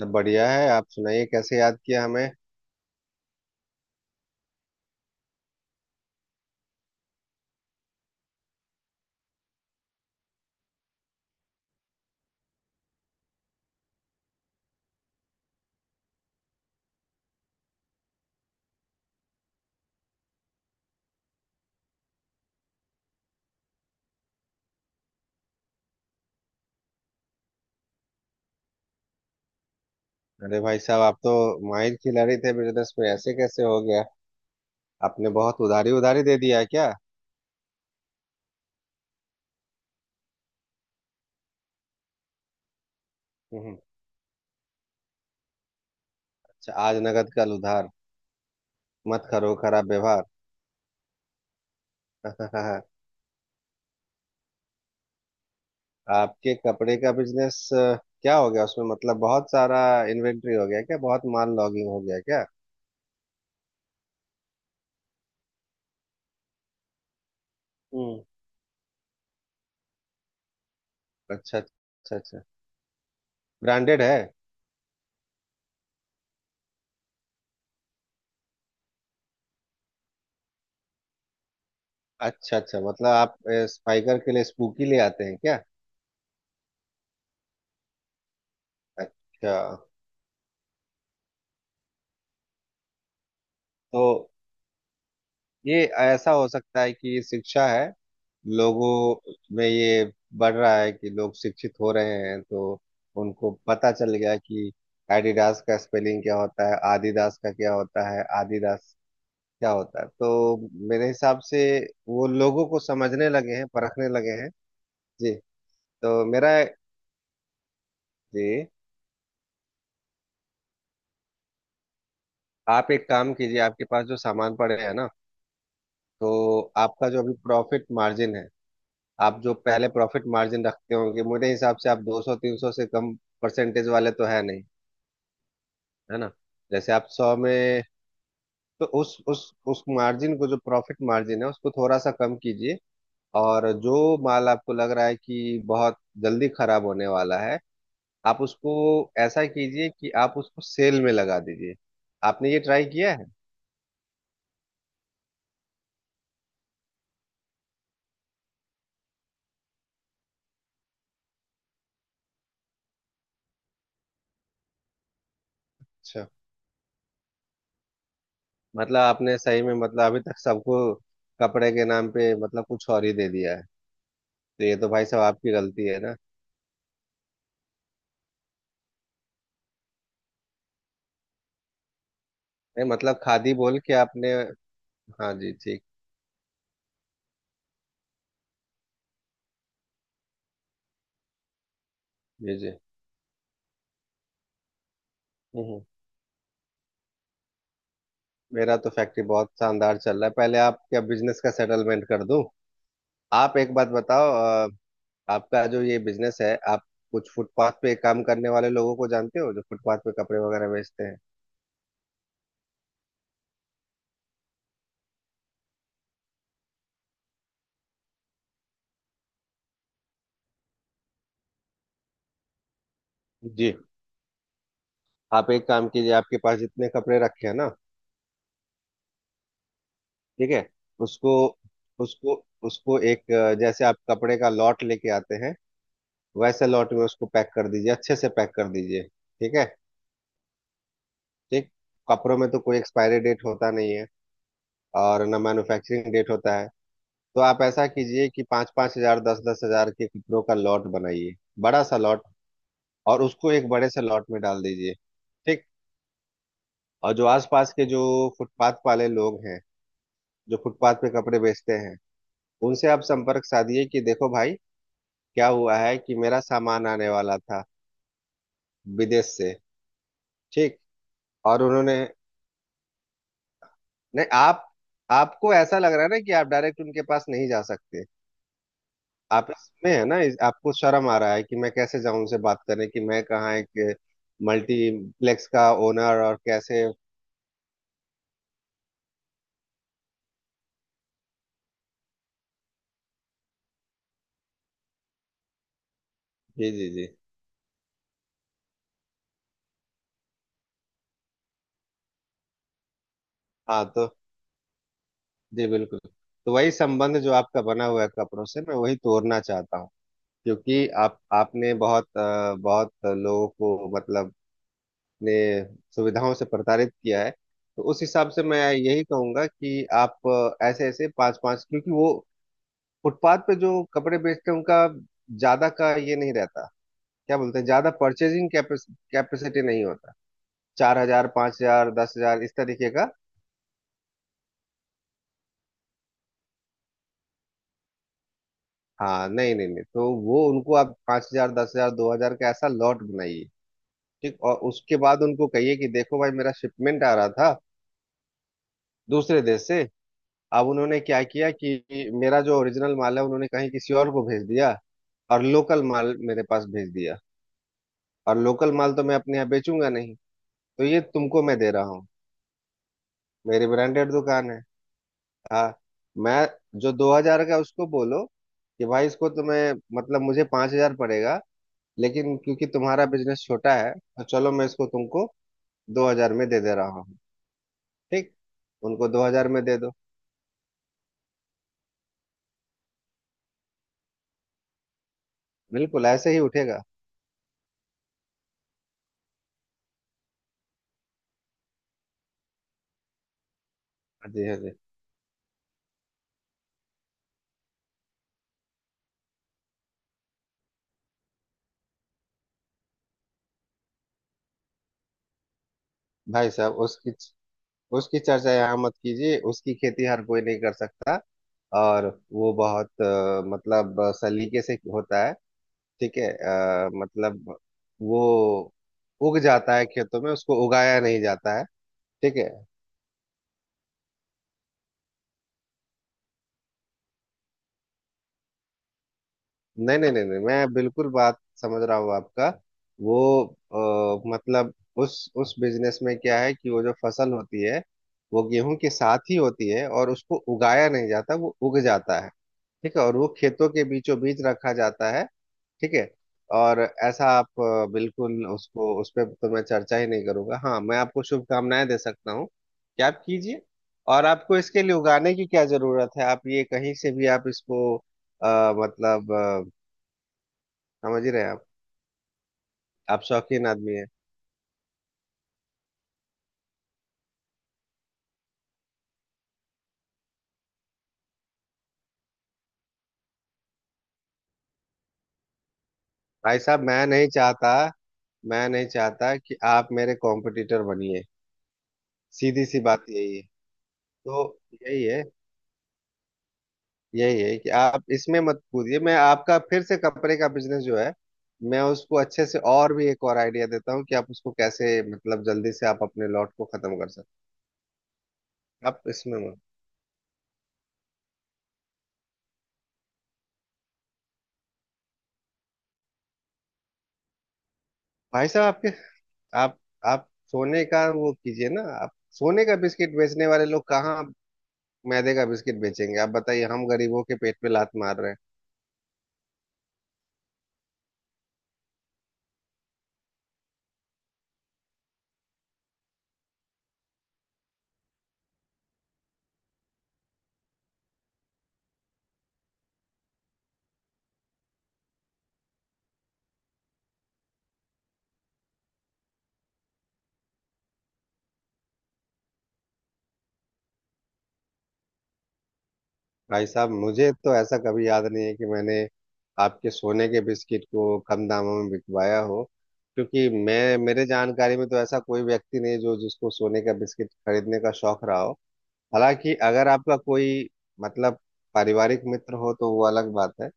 सब बढ़िया है। आप सुनाइए कैसे याद किया हमें। अरे भाई साहब, आप तो माहिर खिलाड़ी थे बिजनेस में, ऐसे कैसे हो गया? आपने बहुत उधारी उधारी दे दिया है क्या? हम्म। अच्छा, आज नगद कल उधार मत करो खराब व्यवहार। आपके कपड़े का बिजनेस क्या हो गया? उसमें मतलब बहुत सारा इन्वेंट्री हो गया क्या? बहुत माल लॉगिंग हो गया क्या? हम्म। अच्छा अच्छा अच्छा। ब्रांडेड है? अच्छा अच्छा, मतलब आप स्पाइकर के लिए स्पूकी ले आते हैं क्या? अच्छा। तो ये ऐसा हो सकता है कि ये शिक्षा है लोगों में, ये बढ़ रहा है कि लोग शिक्षित हो रहे हैं, तो उनको पता चल गया कि एडिडास का स्पेलिंग क्या होता है, आदिदास का क्या होता है, आदिदास क्या होता है, तो मेरे हिसाब से वो लोगों को समझने लगे हैं, परखने लगे हैं। जी। तो मेरा। जी। आप एक काम कीजिए, आपके पास जो सामान पड़े हैं ना, तो आपका जो अभी प्रॉफिट मार्जिन है, आप जो पहले प्रॉफिट मार्जिन रखते होंगे, मेरे हिसाब से आप 200 300 से कम परसेंटेज वाले तो है नहीं। है ना? जैसे आप 100 में, तो उस मार्जिन को, जो प्रॉफिट मार्जिन है, उसको थोड़ा सा कम कीजिए। और जो माल आपको लग रहा है कि बहुत जल्दी खराब होने वाला है, आप उसको ऐसा कीजिए कि आप उसको सेल में लगा दीजिए। आपने ये ट्राई किया है? अच्छा, मतलब आपने सही में, मतलब अभी तक सबको कपड़े के नाम पे मतलब कुछ और ही दे दिया है? तो ये तो भाई साहब आपकी गलती है ना। नहीं, मतलब खादी बोल के आपने। हाँ जी, ठीक। भेजे। हम्म मेरा तो फैक्ट्री बहुत शानदार चल रहा है, पहले आप क्या बिजनेस का सेटलमेंट कर दूं? आप एक बात बताओ, अ, आपका जो ये बिजनेस है, आप कुछ फुटपाथ पे काम करने वाले लोगों को जानते हो, जो फुटपाथ पे कपड़े वगैरह बेचते हैं? जी। आप एक काम कीजिए, आपके पास जितने कपड़े रखे हैं ना, ठीक है, उसको उसको उसको एक, जैसे आप कपड़े का लॉट लेके आते हैं, वैसे लॉट में उसको पैक कर दीजिए, अच्छे से पैक कर दीजिए। ठीक है। ठीक। कपड़ों में तो कोई एक्सपायरी डेट होता नहीं है, और ना मैन्युफैक्चरिंग डेट होता है, तो आप ऐसा कीजिए कि पाँच पाँच हजार, दस दस हजार के कपड़ों का लॉट बनाइए, बड़ा सा लॉट, और उसको एक बड़े से लॉट में डाल दीजिए। ठीक। और जो आसपास के जो फुटपाथ वाले लोग हैं, जो फुटपाथ पे कपड़े बेचते हैं, उनसे आप संपर्क साधिए कि देखो भाई, क्या हुआ है कि मेरा सामान आने वाला था विदेश से। ठीक। और उन्होंने, नहीं, आप, आपको ऐसा लग रहा है ना कि आप डायरेक्ट उनके पास नहीं जा सकते, आप इसमें है ना, आपको शर्म आ रहा है कि मैं कैसे जाऊं उनसे बात करने, कि मैं कहाँ एक मल्टीप्लेक्स का ओनर, और कैसे। जी जी जी। हाँ तो। जी बिल्कुल। तो वही संबंध जो आपका बना हुआ है कपड़ों से, मैं वही तोड़ना चाहता हूँ, क्योंकि आप आपने बहुत, बहुत लोगों को मतलब अपने सुविधाओं से प्रताड़ित किया है। तो उस हिसाब से मैं यही कहूंगा कि आप, ऐसे ऐसे पांच पांच, क्योंकि वो फुटपाथ पे जो कपड़े बेचते हैं, उनका ज्यादा का ये नहीं रहता, क्या बोलते हैं, ज्यादा परचेजिंग कैपेसिटी नहीं होता, चार हजार, पांच हजार, दस हजार, इस तरीके का। हाँ, नहीं नहीं नहीं, तो वो उनको आप पांच हजार, दस हजार, दो हजार का ऐसा लॉट बनाइए। ठीक, और उसके बाद उनको कहिए कि देखो भाई, मेरा शिपमेंट आ रहा था दूसरे देश से, अब उन्होंने क्या किया कि मेरा जो ओरिजिनल माल है उन्होंने कहीं किसी और को भेज दिया, और लोकल माल मेरे पास भेज दिया, और लोकल माल तो मैं अपने यहाँ बेचूंगा नहीं, तो ये तुमको मैं दे रहा हूँ। मेरी ब्रांडेड दुकान है। हाँ। मैं जो दो हजार का, उसको बोलो कि भाई इसको तुम्हें, मतलब मुझे पांच हजार पड़ेगा, लेकिन क्योंकि तुम्हारा बिजनेस छोटा है, तो चलो मैं इसको तुमको दो हजार में दे दे रहा हूँ। ठीक। उनको दो हजार में दे दो। बिल्कुल ऐसे ही उठेगा। हाँ जी, हाँ जी। भाई साहब, उसकी उसकी चर्चा यहाँ मत कीजिए, उसकी खेती हर कोई नहीं कर सकता। और वो बहुत, मतलब, सलीके से होता है। ठीक है, मतलब वो उग जाता है खेतों में, उसको उगाया नहीं जाता है। ठीक है। नहीं नहीं नहीं नहीं, मैं बिल्कुल बात समझ रहा हूँ आपका। वो, मतलब उस बिजनेस में क्या है कि वो जो फसल होती है, वो गेहूं के साथ ही होती है, और उसको उगाया नहीं जाता, वो उग जाता है। ठीक है, और वो खेतों के बीचों बीच रखा जाता है। ठीक है। और ऐसा आप, बिल्कुल उसको, उस पर तो मैं चर्चा ही नहीं करूंगा, हाँ मैं आपको शुभकामनाएं दे सकता हूँ कि आप कीजिए। और आपको इसके लिए उगाने की क्या जरूरत है, आप ये कहीं से भी आप इसको, मतलब समझ ही रहे हैं आप। आप शौकीन आदमी है। भाई साहब, मैं नहीं चाहता, मैं नहीं चाहता कि आप मेरे कॉम्पिटिटर बनिए। सीधी सी बात यही है, तो यही है। यही है कि आप इसमें मत कूदिए। मैं आपका फिर से कपड़े का बिजनेस जो है, मैं उसको अच्छे से, और भी एक और आइडिया देता हूँ कि आप उसको कैसे मतलब जल्दी से आप अपने लॉट को खत्म कर सकते। आप इसमें मत। भाई साहब आपके, आप आप सोने का वो कीजिए ना, आप सोने का बिस्किट बेचने वाले लोग कहाँ मैदे का बिस्किट बेचेंगे, आप बताइए, हम गरीबों के पेट पे लात मार रहे हैं। भाई साहब, मुझे तो ऐसा कभी याद नहीं है कि मैंने आपके सोने के बिस्किट को कम दामों में बिकवाया हो, क्योंकि मैं, मेरे जानकारी में तो ऐसा कोई व्यक्ति नहीं जो जिसको सोने का बिस्किट खरीदने का शौक रहा हो। हालांकि अगर आपका कोई, मतलब पारिवारिक मित्र हो, तो वो अलग बात है।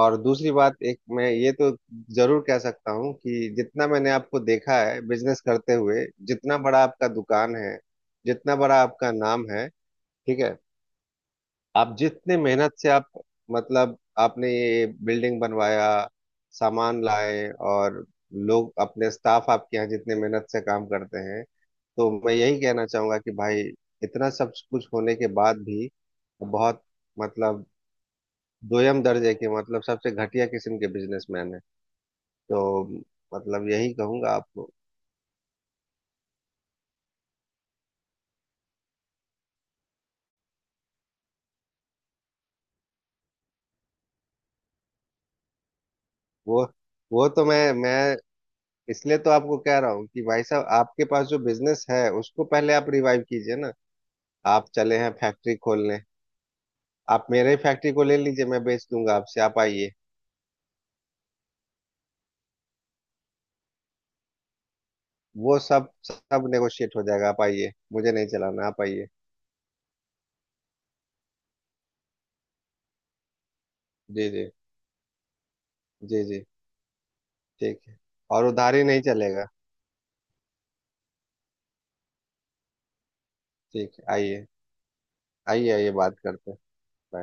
और दूसरी बात, एक मैं ये तो जरूर कह सकता हूँ कि जितना मैंने आपको देखा है बिजनेस करते हुए, जितना बड़ा आपका दुकान है, जितना बड़ा आपका नाम है। ठीक है। आप जितने मेहनत से आप, मतलब आपने ये बिल्डिंग बनवाया, सामान लाए, और लोग, अपने स्टाफ आपके यहाँ जितने मेहनत से काम करते हैं, तो मैं यही कहना चाहूंगा कि भाई, इतना सब कुछ होने के बाद भी बहुत, मतलब दोयम दर्जे के, मतलब सबसे घटिया किस्म के बिजनेसमैन है, तो मतलब यही कहूंगा आपको। वो वो तो मैं इसलिए तो आपको कह रहा हूँ कि भाई साहब आपके पास जो बिजनेस है, उसको पहले आप रिवाइव कीजिए ना। आप चले हैं फैक्ट्री खोलने, आप मेरे ही फैक्ट्री को ले लीजिए, मैं बेच दूंगा आपसे, आप आइए। वो सब सब नेगोशिएट हो जाएगा, आप आइए, मुझे नहीं चलाना, आप आइए। जी जी। जी जी। ठीक है। और उधारी नहीं चलेगा। ठीक है, आइए आइए आइए, बात करते हैं। Bye.